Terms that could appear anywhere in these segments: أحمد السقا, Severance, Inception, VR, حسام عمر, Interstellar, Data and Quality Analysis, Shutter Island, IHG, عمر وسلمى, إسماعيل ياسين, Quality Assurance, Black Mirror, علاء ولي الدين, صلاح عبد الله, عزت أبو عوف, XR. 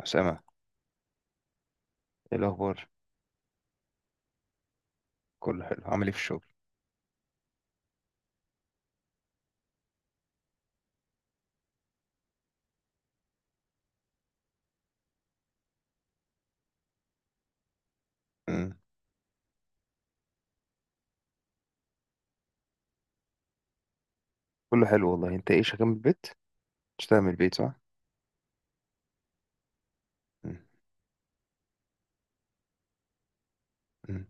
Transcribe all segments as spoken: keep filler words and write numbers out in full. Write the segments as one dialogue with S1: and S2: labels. S1: أسامة، إيه الأخبار؟ كله حلو، عامل إيه في الشغل؟ مم. كله حلو والله، أنت إيه شغال من البيت؟ بتشتغل من البيت صح؟ مم. مم.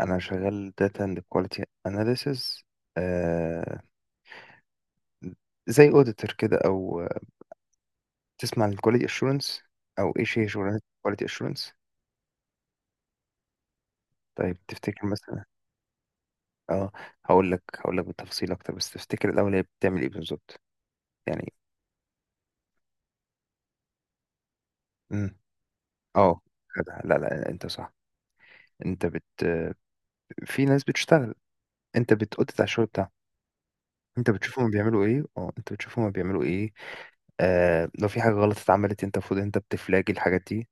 S1: أنا شغال Data and Quality Analysis. آه... زي أوديتور كده أو آه، تسمع عن Quality Assurance، أو إيش هي شغلانة Quality Assurance؟ طيب، تفتكر مثلا أه هقول لك هقول لك بالتفصيل أكتر، بس تفتكر الأول هي بتعمل إيه بالظبط؟ يعني... مم. أه كده. لا لا، أنت صح. أنت بت في ناس بتشتغل، أنت بتأوديت على الشغل بتاعهم. انت بتشوف هما بيعملوا ايه اه انت بتشوف هما بيعملوا ايه. آه لو في حاجه غلط اتعملت، انت المفروض انت بتفلاجي الحاجات دي.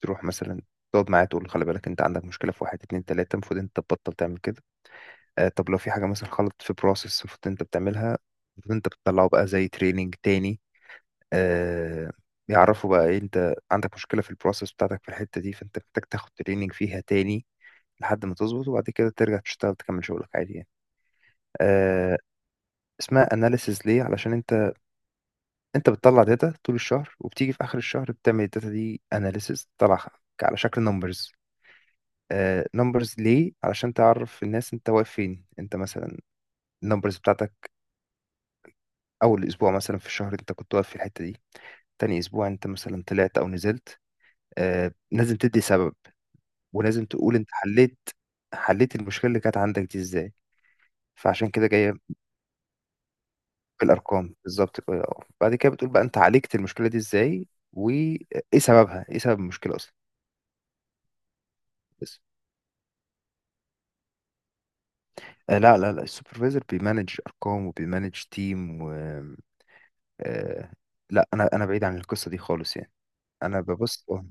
S1: تروح مثلا تقعد معاه تقول له خلي بالك، انت عندك مشكله في واحد اتنين تلاته، المفروض انت تبطل تعمل كده. آه طب لو في حاجه مثلا غلط في بروسيس المفروض انت بتعملها، المفروض انت بتطلعه بقى زي تريننج تاني. آه يعرفوا بقى ايه، انت عندك مشكله في البروسيس بتاعتك في الحته دي، فانت محتاج تاخد تريننج فيها تاني لحد ما تظبط، وبعد كده ترجع تشتغل تكمل شغلك عادي يعني. آه اسمها اناليسيز ليه؟ علشان انت انت بتطلع داتا طول الشهر، وبتيجي في اخر الشهر بتعمل الداتا دي اناليسيس تطلعها على شكل نمبرز. نمبرز ليه؟ علشان تعرف الناس انت واقف فين. انت مثلا النمبرز بتاعتك اول اسبوع مثلا في الشهر انت كنت واقف في الحتة دي، تاني اسبوع انت مثلا طلعت او نزلت. آه، لازم تدي سبب، ولازم تقول انت حليت حليت المشكلة اللي كانت عندك دي ازاي. فعشان كده جاية بالارقام بالظبط كده اه. بعد كده بتقول بقى انت عالجت المشكلة دي ازاي، وايه سببها. ايه سبب المشكلة اصلا؟ آه، لا لا لا، السوبرفايزر بيمانج ارقام وبيمانج تيم و آه، لا، انا انا بعيد عن القصه دي خالص يعني. انا ببص اه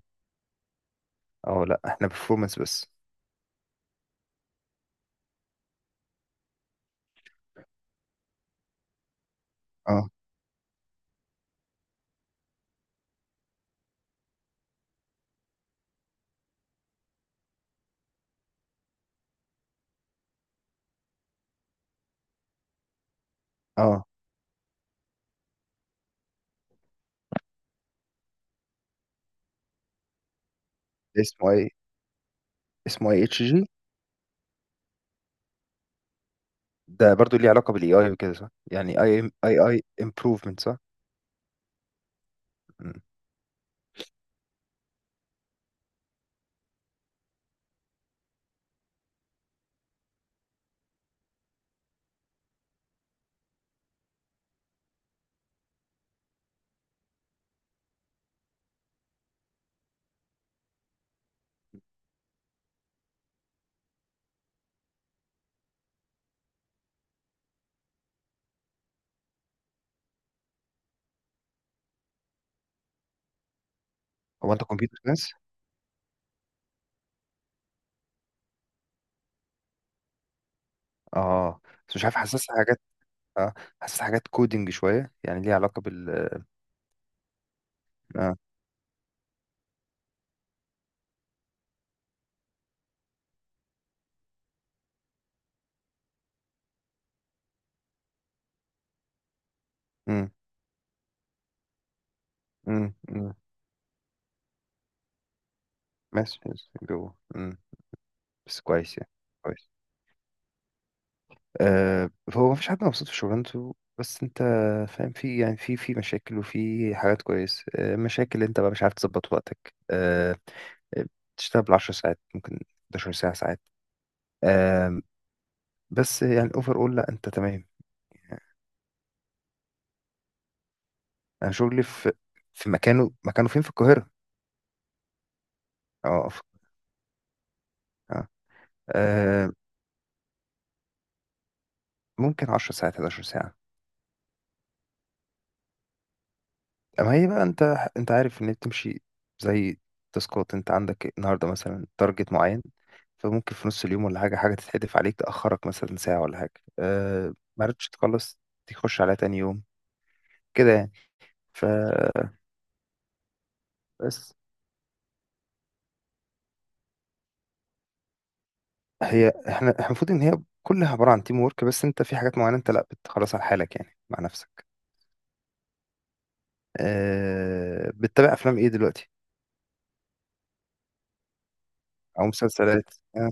S1: آه، لا احنا بيرفورمانس بس. اه اه، اسمه ايه؟ اسمه اي اتش جي؟ ده برضو ليه علاقه بالاي اي وكده صح؟ يعني اي اي اي امبروفمنت صح؟ مم. هو انت كمبيوتر ساينس؟ اه، بس مش عارف، حاسسها حاجات. اه حاسسها حاجات كودينج شويه، يعني ليه علاقه بال... اه. امم امم. امم، ماشي ماشي، جوه. امم بس كويس يعني. كويس. آه، هو مفيش حد مبسوط في شغلانته، بس انت فاهم، في يعني، في في مشاكل وفي حاجات كويس. آه، مشاكل انت بقى مش عارف تظبط وقتك. آه، آه، بتشتغل بالعشر ساعات، ممكن حداشر ساعة ساعات. آه، بس يعني اوفر اول لا، انت تمام. انا شغلي في في مكانه. مكانه فين في القاهرة؟ اه، في- آه. آه، ممكن عشر ساعات، حداشر ساعة. ما هي بقى انت انت عارف ان هي بتمشي زي تاسكات. انت عندك النهارده مثلا تارجت معين، فممكن في نص اليوم ولا حاجه، حاجه تتحدف عليك تاخرك مثلا ساعه ولا حاجه، أه ما عرفتش تخلص، تخش على تاني يوم كده يعني. فبس... هي احنا، احنا المفروض ان هي كلها عباره عن تيم ورك، بس انت في حاجات معينه انت لا بتخلص على حالك يعني مع نفسك. أه بتتابع افلام ايه دلوقتي او مسلسلات؟ أه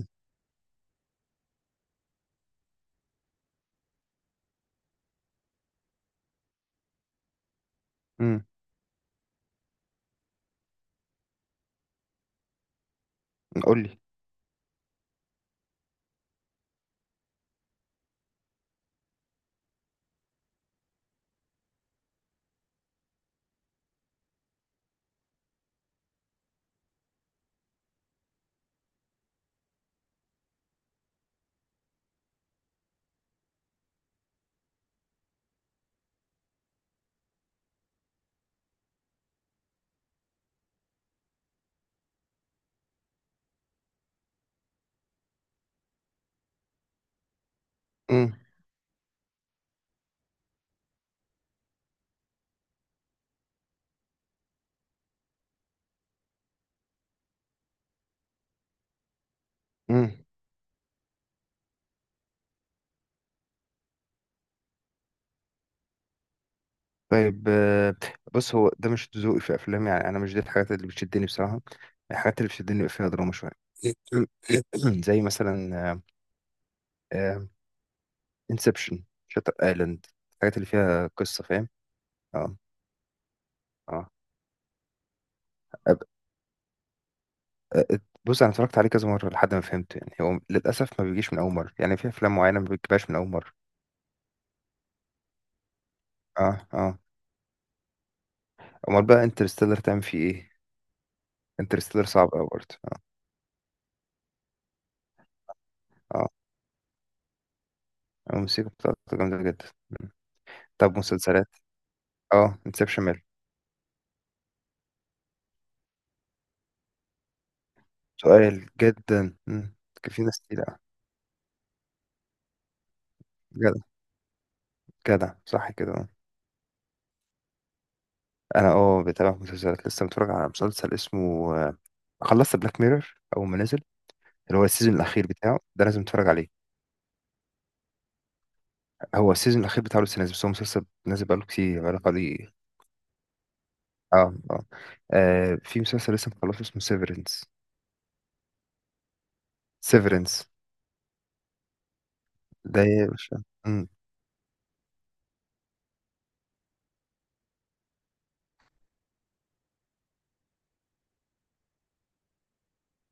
S1: امم قول لي. امم. طيب. آه، بص، هو ده مش ذوقي في افلام يعني، انا مش دي الحاجات اللي بتشدني بصراحه. الحاجات اللي بتشدني بيبقى فيها دراما شويه. زي مثلا انسبشن، شاتر ايلاند، الحاجات اللي فيها قصه فاهم. اه اه. أب- أ- بص، انا اتفرجت عليه كذا مره لحد ما فهمته يعني. هو للاسف ما بيجيش من اول مره يعني، في افلام معينه ما بتجيبهاش من اول مره. اه اه. امال بقى انترستيلر تعمل فيه ايه؟ انترستيلر صعب قوي برضه اه. اه، الموسيقى بتاعته جامده جدا. طب مسلسلات. اه انسبشن، سؤال جدا. مم. كان في ناس كتير آه. جدع، جدع صح كده آه. انا اه، بتابع مسلسلات. لسه متفرج على مسلسل اسمه آه، خلصت بلاك ميرور اول ما نزل، اللي هو السيزون الاخير بتاعه، ده لازم تتفرج عليه. هو السيزون الاخير بتاعه لسه نازل، بس هو مسلسل نازل بقاله كتير، بقاله حوالي... اه اه. آه، في مسلسل لسه مخلصه اسمه سيفرنس. سيفرنس. ده يا باشا... مم.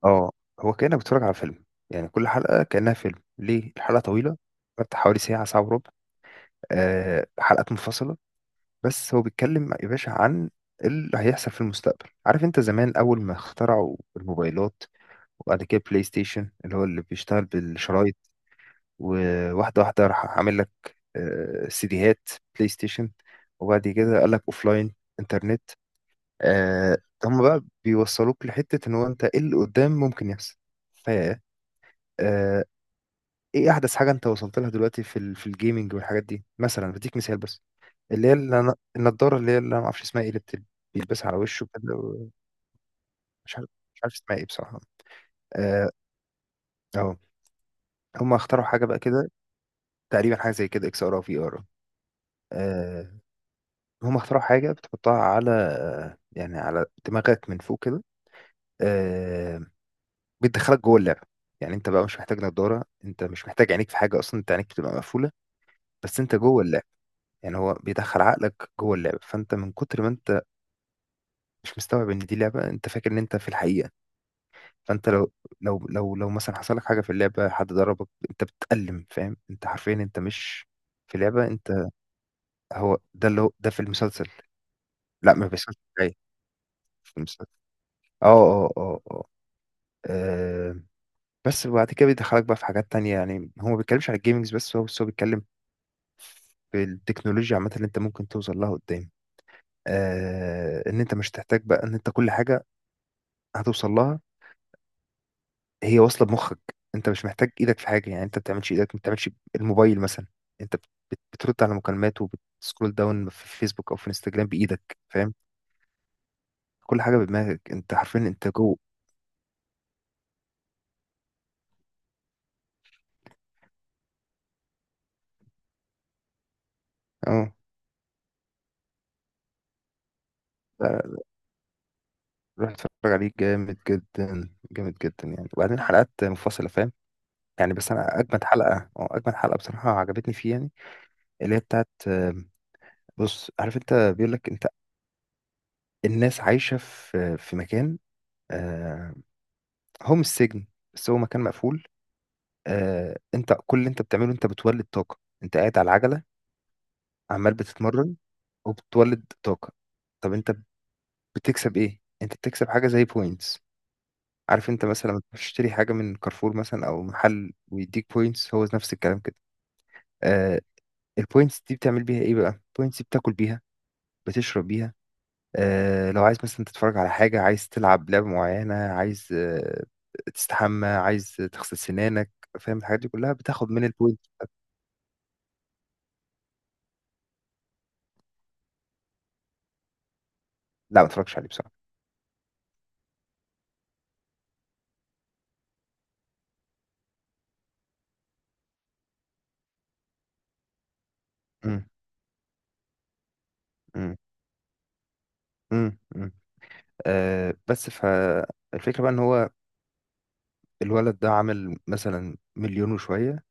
S1: اه، هو كأنك بتتفرج على فيلم يعني، كل حلقة كأنها فيلم، ليه الحلقة طويلة، بتاعت حوالي ساعة، ساعة وربع. آه، حلقات منفصلة. بس هو بيتكلم يا باشا عن اللي هيحصل في المستقبل. عارف انت زمان اول ما اخترعوا الموبايلات، وبعد كده بلاي ستيشن اللي هو اللي بيشتغل بالشرايط، وواحده واحده راح عامل لك آه، سيديهات، بلاي ستيشن، وبعد كده قال لك لاين، انترنت. آه، هم بقى بيوصلوك لحتة ان هو انت ايه اللي قدام ممكن يحصل. ف آه، ايه احدث حاجة انت وصلت لها دلوقتي في ال- في الجيمنج والحاجات دي؟ مثلا بديك مثال بس، اللي هي ال- النضاره، اللي هي اللي انا ما اعرفش اسمها ايه، اللي بت- بيلبسها على وشه كده و- مش عارف، مش عارف اسمها ايه بصراحه. اه اهو. هم اخترعوا حاجه بقى كده، تقريبا حاجه زي كده اكس ار او في ار. آه، هم اخترعوا حاجه بتحطها على آه، يعني على دماغك من فوق كده. آه، بتدخلك جوه اللعبه. يعني انت بقى مش محتاج نضاره، انت مش محتاج عينيك في حاجه اصلا، انت عينيك بتبقى مقفوله، بس انت جوه اللعبه. يعني هو بيدخل عقلك جوه اللعبه، فانت من كتر ما انت مش مستوعب ان دي لعبه، انت فاكر ان انت في الحقيقه. فانت لو، لو لو لو مثلا حصل لك حاجه في اللعبه، حد ضربك انت بتتألم، فاهم؟ انت حرفيا انت مش في لعبه، انت... هو ده اللي، هو ده في المسلسل. لا ما بيحصلش معايا في المسلسل. اه اه اه اه آه، بس وبعد كده بيدخلك بقى في حاجات تانية، يعني هو ما بيتكلمش على الجيمنجز بس، هو بس هو بيتكلم في التكنولوجيا عامة اللي انت ممكن توصل لها قدام. آه ان انت مش تحتاج بقى ان انت كل حاجة هتوصل لها، هي واصله بمخك، انت مش محتاج ايدك في حاجه يعني، انت ما بتعملش ايدك، ما بتعملش الموبايل مثلا. انت بت- بت- بترد على مكالمات، وبتسكرول داون في فيسبوك او في انستجرام بايدك، فاهم. كل حاجه بدماغك انت، عارفين انت جو. اه. لا، روح اتفرج عليه، جامد جدا جامد جدا يعني. وبعدين حلقات منفصله فاهم. يعني بس انا اجمد حلقه، اه اجمد حلقه بصراحه عجبتني فيه، يعني اللي هي بتاعت آم، بص عارف، انت بيقول لك انت... الناس عايشه في، في مكان. آه، هو مش سجن، بس هو مكان مقفول. آه انت كل اللي انت بتعمله انت بتولد طاقه، انت قاعد على العجله عمال بتتمرن وبتولد طاقه. طب انت بتكسب ايه؟ انت بتكسب حاجه زي بوينتس. عارف انت مثلا لما تروح تشتري حاجه من كارفور مثلا او محل ويديك بوينتس، هو نفس الكلام كده. آه البوينتس دي بتعمل بيها ايه بقى؟ البوينتس دي بتاكل بيها، بتشرب بيها. آه لو عايز مثلا تتفرج على حاجه، عايز تلعب لعبه معينه، عايز آه تستحمى، عايز تغسل سنانك، فاهم، الحاجات دي كلها بتاخد من البوينت. لا ما اتفرجش عليه بصراحه. مم. مم. امم امم. آه بس فالفكرة بقى ان هو الولد ده عمل مثلا مليون وشوية.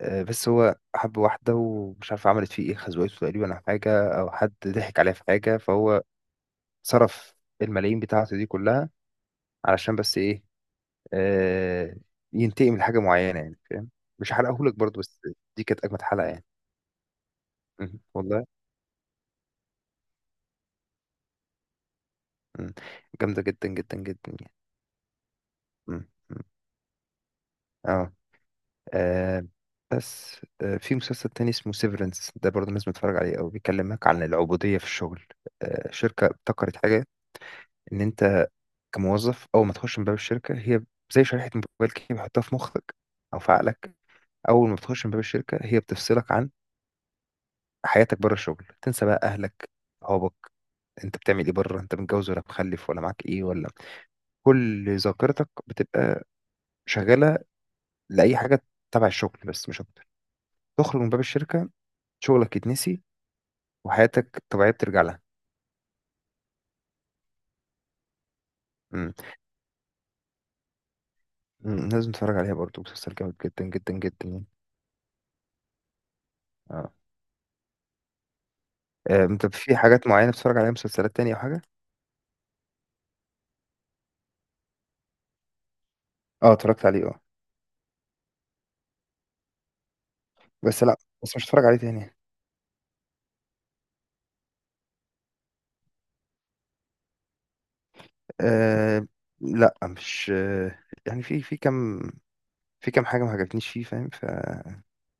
S1: آه بس هو حب واحدة ومش عارف عملت فيه ايه، خزوقته تقريبا او حاجة، او حد ضحك عليه في حاجة، فهو صرف الملايين بتاعته دي كلها علشان بس ايه؟ آه ينتقم لحاجة معينة يعني فاهم. مش هحرقهولك برضه، بس دي كانت اجمد حلقة يعني. مم. والله مم. جامدة جدا جدا جدا يعني. مم. مم. اه. آه بس آه في مسلسل تاني اسمه سيفرنس، ده برضه لازم تتفرج عليه أوي. بيكلمك عن العبودية في الشغل. آه شركة ابتكرت حاجة، إن أنت كموظف أول ما تخش من باب الشركة، هي زي شريحة موبايل كده بيحطها في مخك أو في عقلك. أول ما بتخش من باب الشركة، هي بتفصلك عن حياتك بره الشغل. تنسى بقى أهلك، صحابك، أنت بتعمل إيه بره، أنت متجوز ولا مخلف، ولا معاك إيه، ولا... كل ذاكرتك بتبقى شغالة لأي حاجة تبع الشغل بس، مش أكتر. تخرج من باب الشركة، شغلك يتنسي، وحياتك الطبيعية بترجع لها. مم. مم. مم. لازم تتفرج عليها برضو، مسلسل جامد جدا جدا جدا يعني. اه. آه، انت في حاجات معينة بتتفرج عليها مسلسلات تانية او حاجة؟ اه، اتفرجت عليه اه. بس لا، بس مش هتفرج عليه تاني يعني. آه لا مش آه يعني في في كام، في كام حاجة ما عجبتنيش فيه فاهم،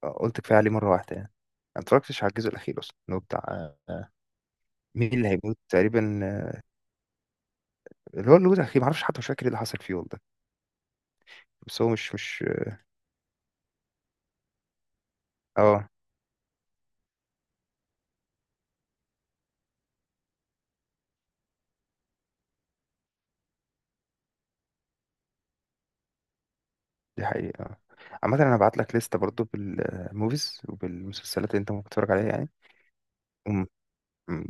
S1: فقلت كفاية عليه مرة واحدة يعني. ما اتفرجتش على الجزء الأخير أصلا، اللي هو بتاع آه، آه، مين اللي هيموت تقريبا. آه، اللي هو، اللي هو الأخير، معرفش حتى، مش فاكر ايه اللي حصل فيه والله، بس هو مش، مش... اه دي حقيقة. عامة أنا هبعت لك لستة برضو بالموفيز وبالمسلسلات اللي أنت ممكن تتفرج عليها يعني. وم-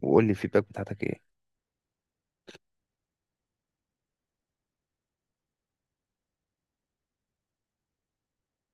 S1: وقول لي الفيدباك بتاعتك إيه.